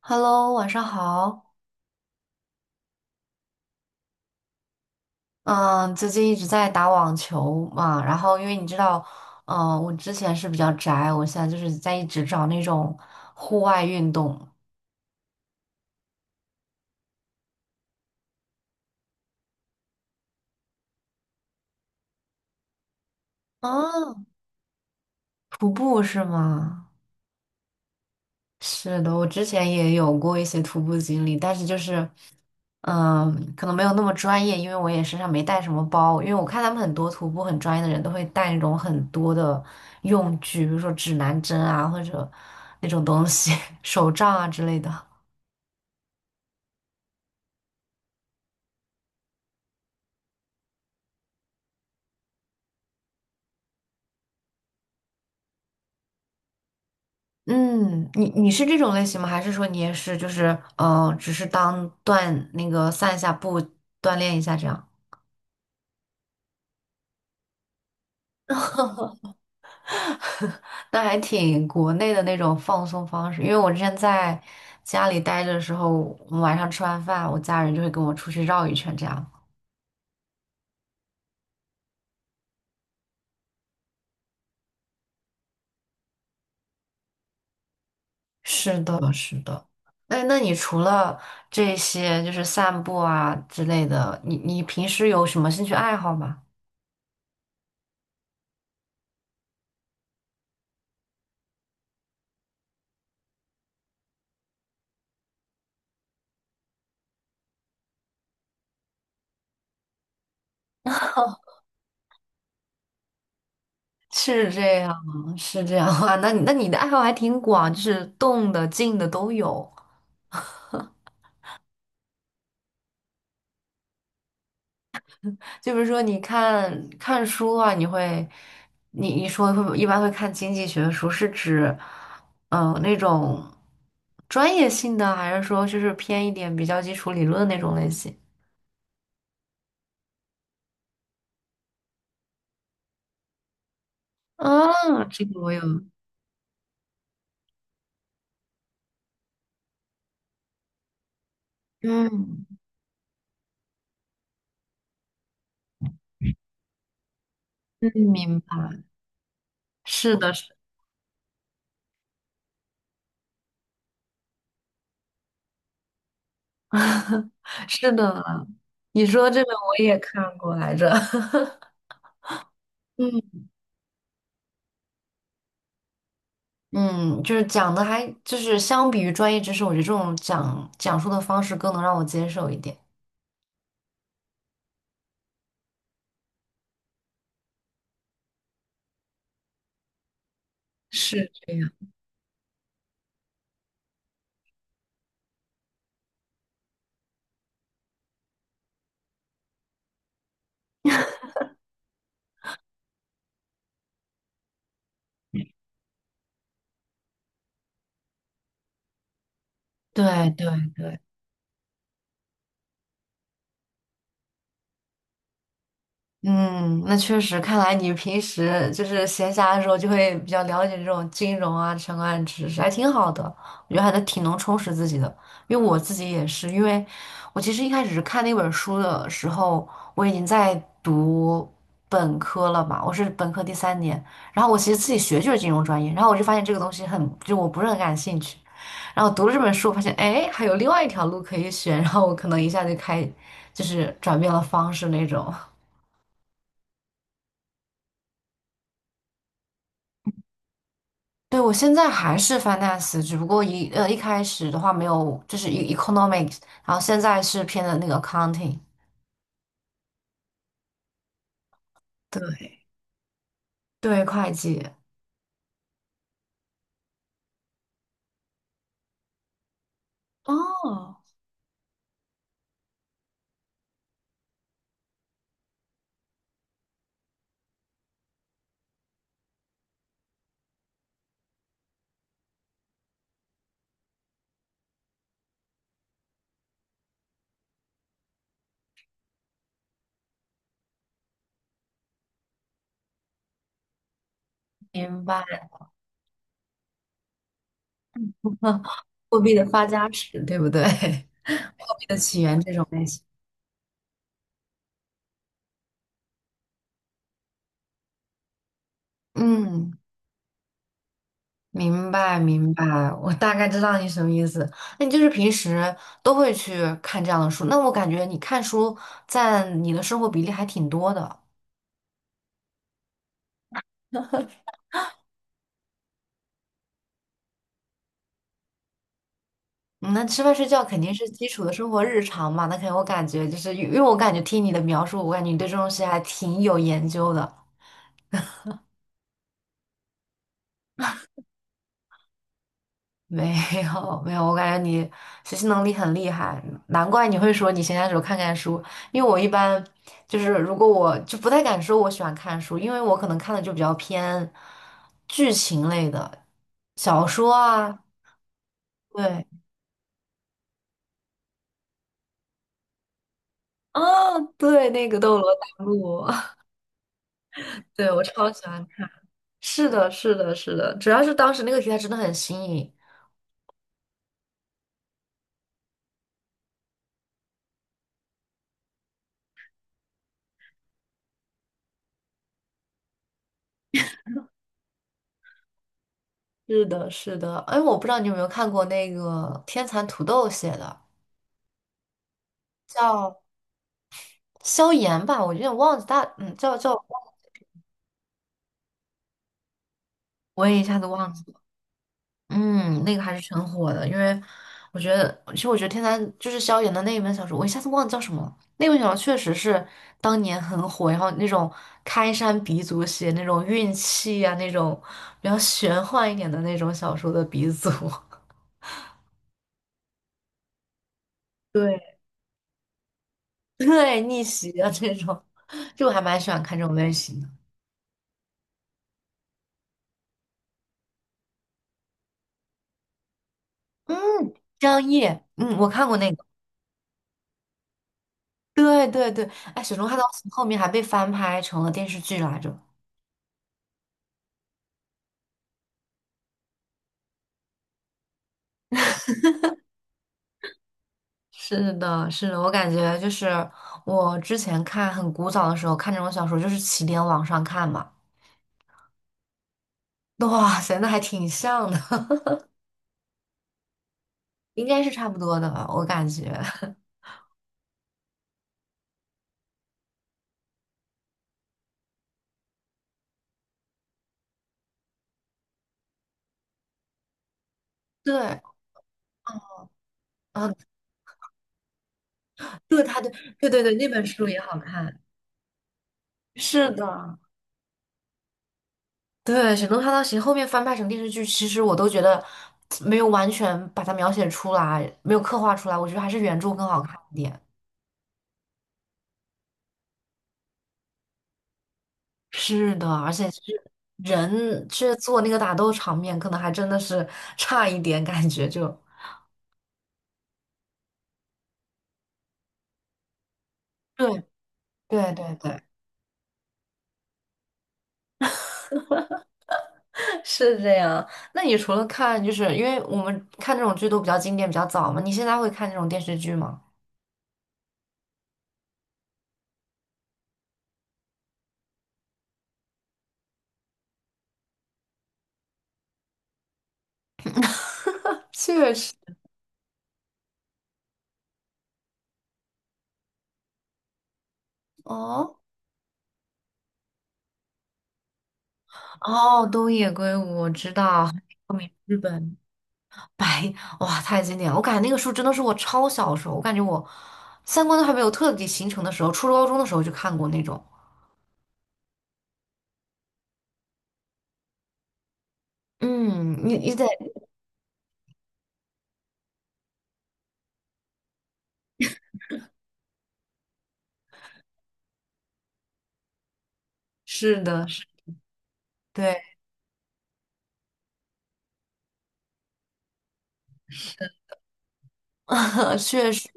Hello，晚上好。嗯，最近一直在打网球嘛，然后因为你知道，我之前是比较宅，我现在就是在一直找那种户外运动。啊，徒步是吗？是的，我之前也有过一些徒步经历，但是就是，可能没有那么专业，因为我也身上没带什么包，因为我看他们很多徒步很专业的人都会带那种很多的用具，比如说指南针啊，或者那种东西，手杖啊之类的。嗯，你是这种类型吗？还是说你也是就是只是当锻那个散一下步，锻炼一下这样？那还挺国内的那种放松方式。因为我之前在家里待着的时候，我们晚上吃完饭，我家人就会跟我出去绕一圈这样。是的，是的。那你除了这些就是散步啊之类的，你平时有什么兴趣爱好吗？是这样，是这样啊。那你的爱好还挺广，就是动的、静的都有。就比如说，你看看书啊，你会，你一般会看经济学书，是指，那种专业性的，还是说就是偏一点比较基础理论的那种类型？啊，这个我有，嗯嗯，明白。是的，是 是的，你说这个我也看过来着。嗯。嗯，就是讲的还就是相比于专业知识，我觉得这种讲述的方式更能让我接受一点。是这样。对对对，嗯，那确实，看来你平时就是闲暇的时候就会比较了解这种金融啊相关的知识，还挺好的。我觉得还得挺能充实自己的，因为我自己也是，因为我其实一开始看那本书的时候，我已经在读本科了嘛，我是本科第三年，然后我其实自己学就是金融专业，然后我就发现这个东西很，就我不是很感兴趣，然后读了这本书，我发现哎，还有另外一条路可以选，然后我可能一下就开，就是转变了方式那种。对，我现在还是 finance，只不过一开始的话没有，就是一 economics，然后现在是偏的那个 accounting，对，对，会计。哦，明白，货币的发家史，对不对？货币的起源这种类型。嗯，明白明白，我大概知道你什么意思。那你就是平时都会去看这样的书，那我感觉你看书占你的生活比例还挺多的。嗯那吃饭睡觉肯定是基础的生活日常嘛，那肯定我感觉就是因为我感觉听你的描述，我感觉你对这种东西还挺有研究的。没有没有，我感觉你学习能力很厉害，难怪你会说你闲暇时候看看书。因为我一般就是如果我就不太敢说我喜欢看书，因为我可能看的就比较偏剧情类的小说啊，对，啊，对，那个《斗罗大陆》对我超喜欢。是的，是的，是的，主要是当时那个题材真的很新颖。是的，是的，哎，我不知道你有没有看过那个天蚕土豆写的，叫萧炎吧，我有点忘记大，嗯，叫，我也一下子忘记。嗯，那个还是挺火的，因为我觉得，其实我觉得天蚕就是萧炎的那一本小说，我一下子忘记叫什么了。那本小说确实是当年很火，然后那种开山鼻祖写那种运气呀，那种比较玄幻一点的那种小说的鼻祖。对。对，逆袭啊这种，就我还蛮喜欢看这种类型的。嗯，张译，嗯，我看过那个。对对对，哎，《雪中悍刀行》后面还被翻拍成了电视剧来着。是的，是的，我感觉就是我之前看很古早的时候看这种小说，就是起点网上看嘛。哇塞，那还挺像的，应该是差不多的吧，我感觉。对，啊，对，他对，对对对，那本书也好看。是的。对，沈东他当时后面翻拍成电视剧，其实我都觉得没有完全把它描写出来，没有刻画出来，我觉得还是原著更好看一点。是的，而且是人去做那个打斗场面，可能还真的是 差一点，感觉就 对对对对，是这样。那你除了看，就是因为我们看这种剧都比较经典、比较早嘛，你现在会看这种电视剧吗？确实，哦哦，东野圭吾，我知道，很有名日本。白，哇，太经典了！我感觉那个书真的是我超小时候，我感觉我三观都还没有彻底形成的时候，初中高中的时候就看过那种。嗯，你你得 是的，是，对，确实，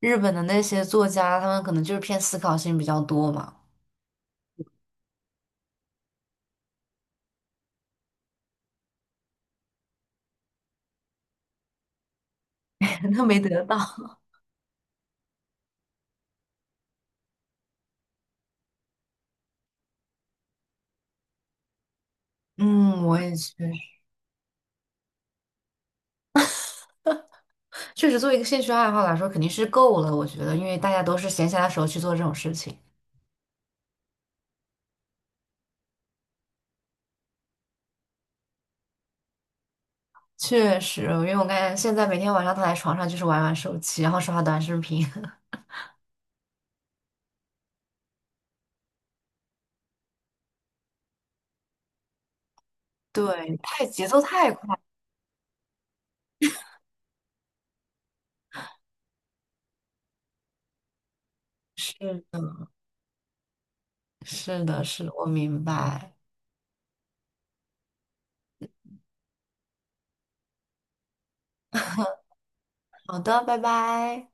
日本的那些作家，他们可能就是偏思考性比较多嘛，那没得到。嗯，我也确实确实作为一个兴趣爱好来说，肯定是够了，我觉得，因为大家都是闲暇的时候去做这种事情。确实，因为我感觉现在每天晚上躺在床上就是玩玩手机，然后刷刷短视频。对，太节奏太快，是的，是的，是的，我明白。好的，拜拜。